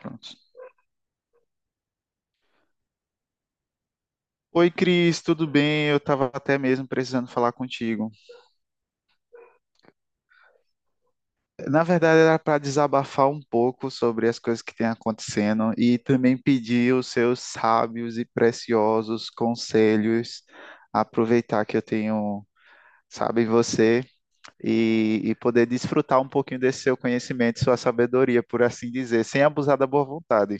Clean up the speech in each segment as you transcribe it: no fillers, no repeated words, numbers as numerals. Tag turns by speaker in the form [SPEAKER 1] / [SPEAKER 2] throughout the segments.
[SPEAKER 1] Pronto. Oi, Cris, tudo bem? Eu estava até mesmo precisando falar contigo. Na verdade, era para desabafar um pouco sobre as coisas que têm acontecendo e também pedir os seus sábios e preciosos conselhos, aproveitar que eu tenho, sabe, você e poder desfrutar um pouquinho desse seu conhecimento, sua sabedoria, por assim dizer, sem abusar da boa vontade.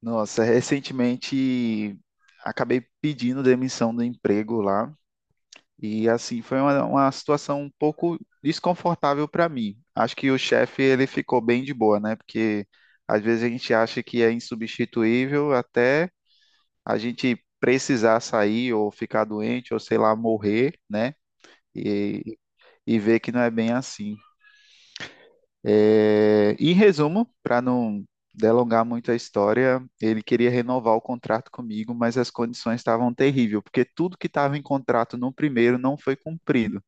[SPEAKER 1] Nossa, recentemente acabei pedindo demissão do emprego lá. E assim foi uma situação um pouco desconfortável para mim. Acho que o chefe ele ficou bem de boa, né? Porque às vezes a gente acha que é insubstituível até a gente precisar sair ou ficar doente ou sei lá morrer, né? E, e ver que não é bem assim. É, em resumo, para não delongar muito a história, ele queria renovar o contrato comigo, mas as condições estavam terríveis, porque tudo que estava em contrato no primeiro não foi cumprido.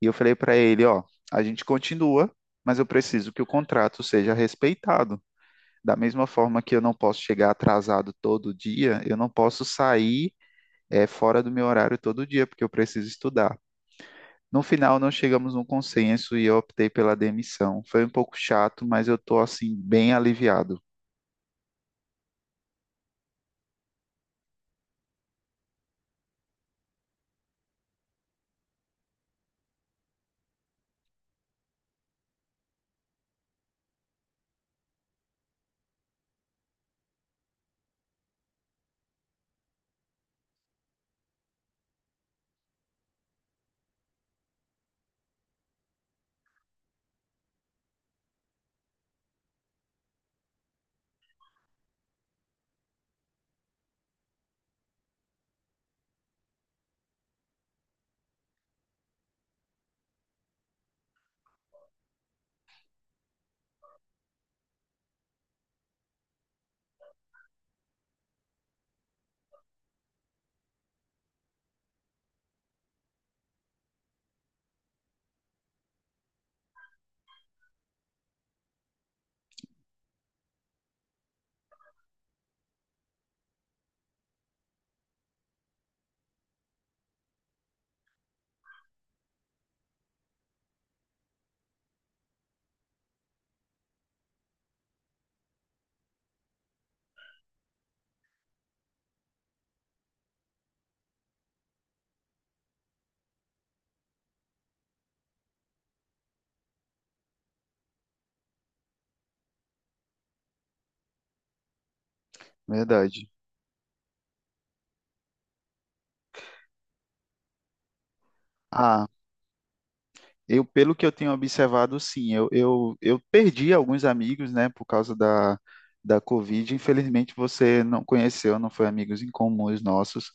[SPEAKER 1] E eu falei para ele, ó, a gente continua, mas eu preciso que o contrato seja respeitado. Da mesma forma que eu não posso chegar atrasado todo dia, eu não posso sair fora do meu horário todo dia, porque eu preciso estudar. No final, não chegamos num consenso e eu optei pela demissão. Foi um pouco chato, mas eu tô assim bem aliviado, verdade. Ah, eu, pelo que eu tenho observado, sim, eu perdi alguns amigos, né, por causa da Covid. Infelizmente, você não conheceu, não foi amigos em comuns nossos,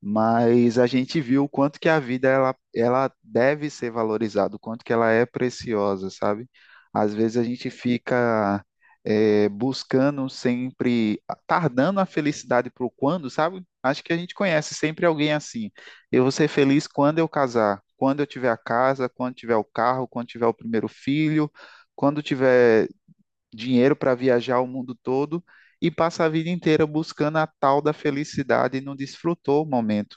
[SPEAKER 1] mas a gente viu o quanto que a vida ela deve ser valorizada, o quanto que ela é preciosa, sabe? Às vezes a gente fica buscando sempre, tardando a felicidade para o quando, sabe? Acho que a gente conhece sempre alguém assim. Eu vou ser feliz quando eu casar, quando eu tiver a casa, quando tiver o carro, quando tiver o primeiro filho, quando tiver dinheiro para viajar o mundo todo e passa a vida inteira buscando a tal da felicidade e não desfrutou o momento.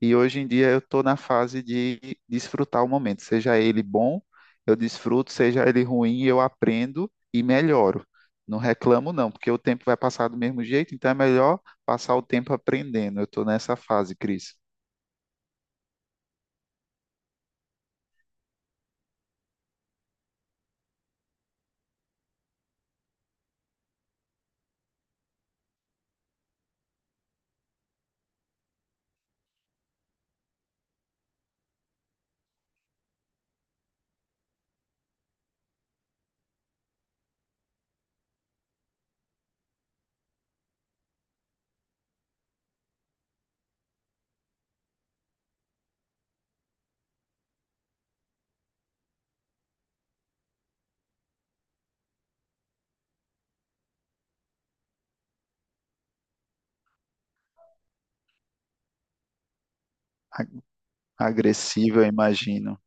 [SPEAKER 1] E hoje em dia eu estou na fase de desfrutar o momento, seja ele bom, eu desfruto, seja ele ruim, eu aprendo e melhoro. Não reclamo, não, porque o tempo vai passar do mesmo jeito, então é melhor passar o tempo aprendendo. Eu estou nessa fase, Cris. Agressiva, eu imagino.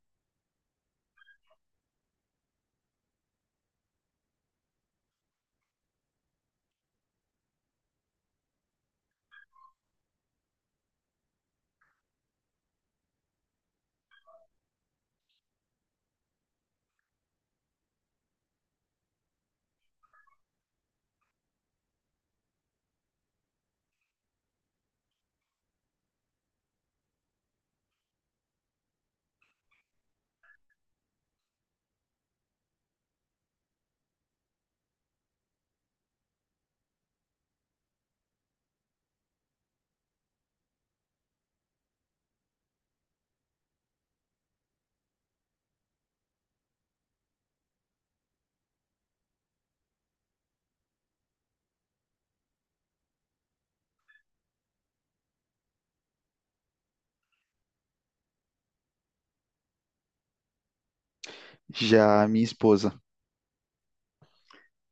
[SPEAKER 1] Já a minha esposa,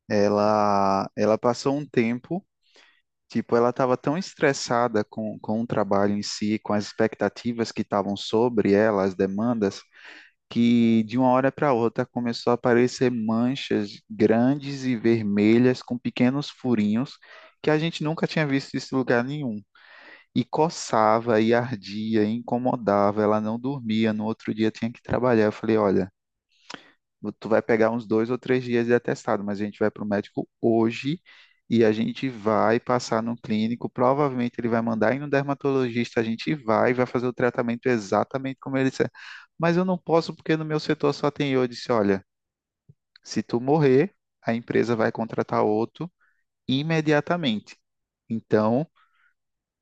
[SPEAKER 1] ela passou um tempo, tipo, ela estava tão estressada com o trabalho em si, com as expectativas que estavam sobre ela, as demandas, que de uma hora para outra começou a aparecer manchas grandes e vermelhas com pequenos furinhos que a gente nunca tinha visto isso em lugar nenhum. E coçava, e ardia, e incomodava, ela não dormia, no outro dia tinha que trabalhar. Eu falei, olha. Tu vai pegar uns dois ou três dias de atestado, mas a gente vai para o médico hoje e a gente vai passar no clínico. Provavelmente ele vai mandar ir no dermatologista, a gente vai, vai fazer o tratamento exatamente como ele disser. Mas eu não posso porque no meu setor só tem eu. Eu disse, olha, se tu morrer, a empresa vai contratar outro imediatamente. Então,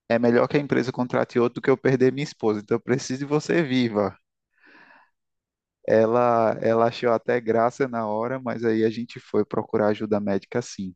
[SPEAKER 1] é melhor que a empresa contrate outro do que eu perder minha esposa. Então, eu preciso de você viva. Ela achou até graça na hora, mas aí a gente foi procurar ajuda médica sim.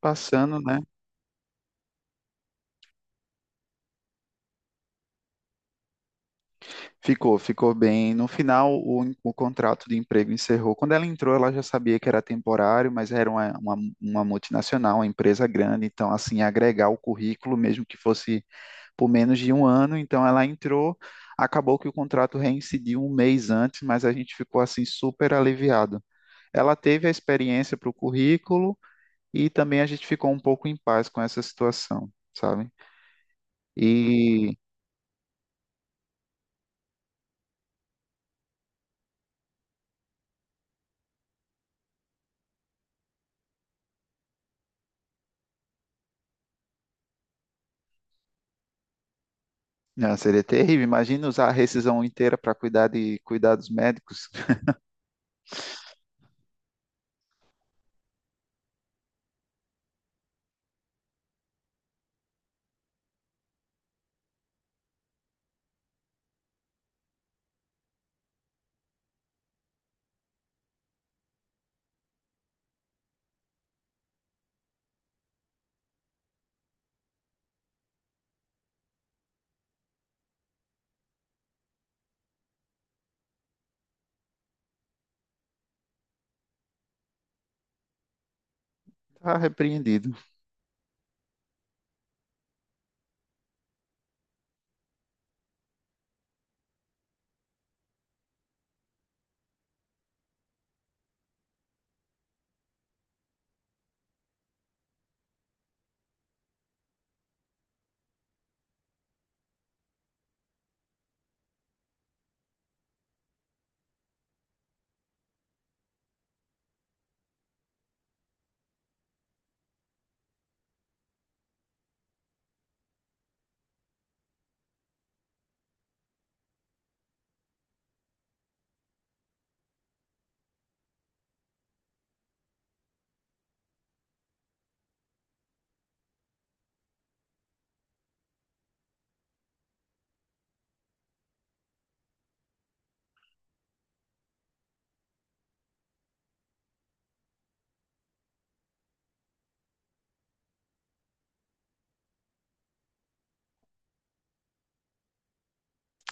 [SPEAKER 1] Passando, né? Ficou, ficou bem. No final, o contrato de emprego encerrou. Quando ela entrou, ela já sabia que era temporário, mas era uma multinacional, uma empresa grande, então, assim, agregar o currículo, mesmo que fosse por menos de um ano. Então, ela entrou, acabou que o contrato reincidiu um mês antes, mas a gente ficou, assim, super aliviado. Ela teve a experiência para o currículo e também a gente ficou um pouco em paz com essa situação, sabe? Ah, seria terrível. Imagina usar a rescisão inteira para cuidar de cuidados médicos. Tá repreendido.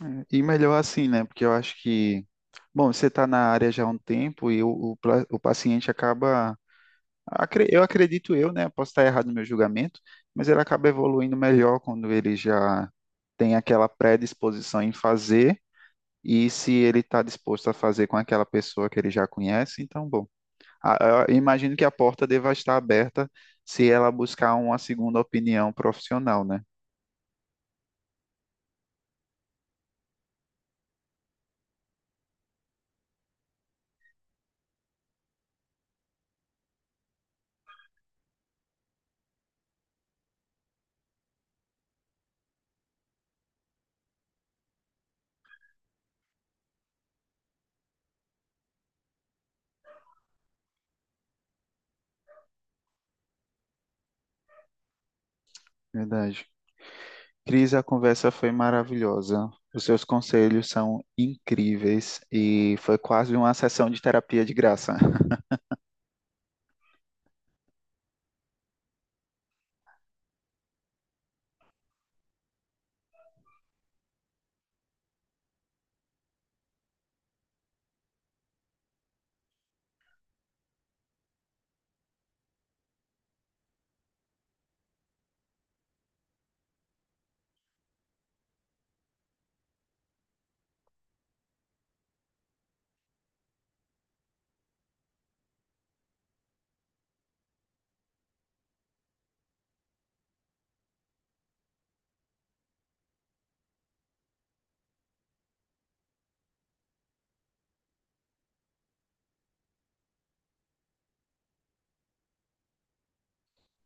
[SPEAKER 1] É, e melhor assim, né? Porque eu acho que, bom, você está na área já há um tempo e o paciente acaba, eu acredito eu, né? Posso estar errado no meu julgamento, mas ele acaba evoluindo melhor quando ele já tem aquela predisposição em fazer e se ele está disposto a fazer com aquela pessoa que ele já conhece, então, bom. Eu imagino que a porta deva estar aberta se ela buscar uma segunda opinião profissional, né? Verdade. Cris, a conversa foi maravilhosa. Os seus conselhos são incríveis e foi quase uma sessão de terapia de graça.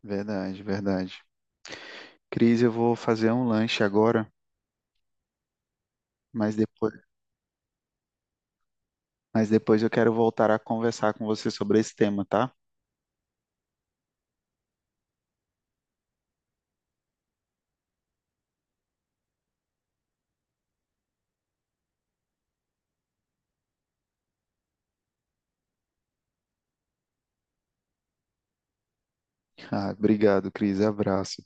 [SPEAKER 1] Verdade, verdade. Cris, eu vou fazer um lanche agora, mas depois. Mas depois eu quero voltar a conversar com você sobre esse tema, tá? Ah, obrigado, Cris. Abraço.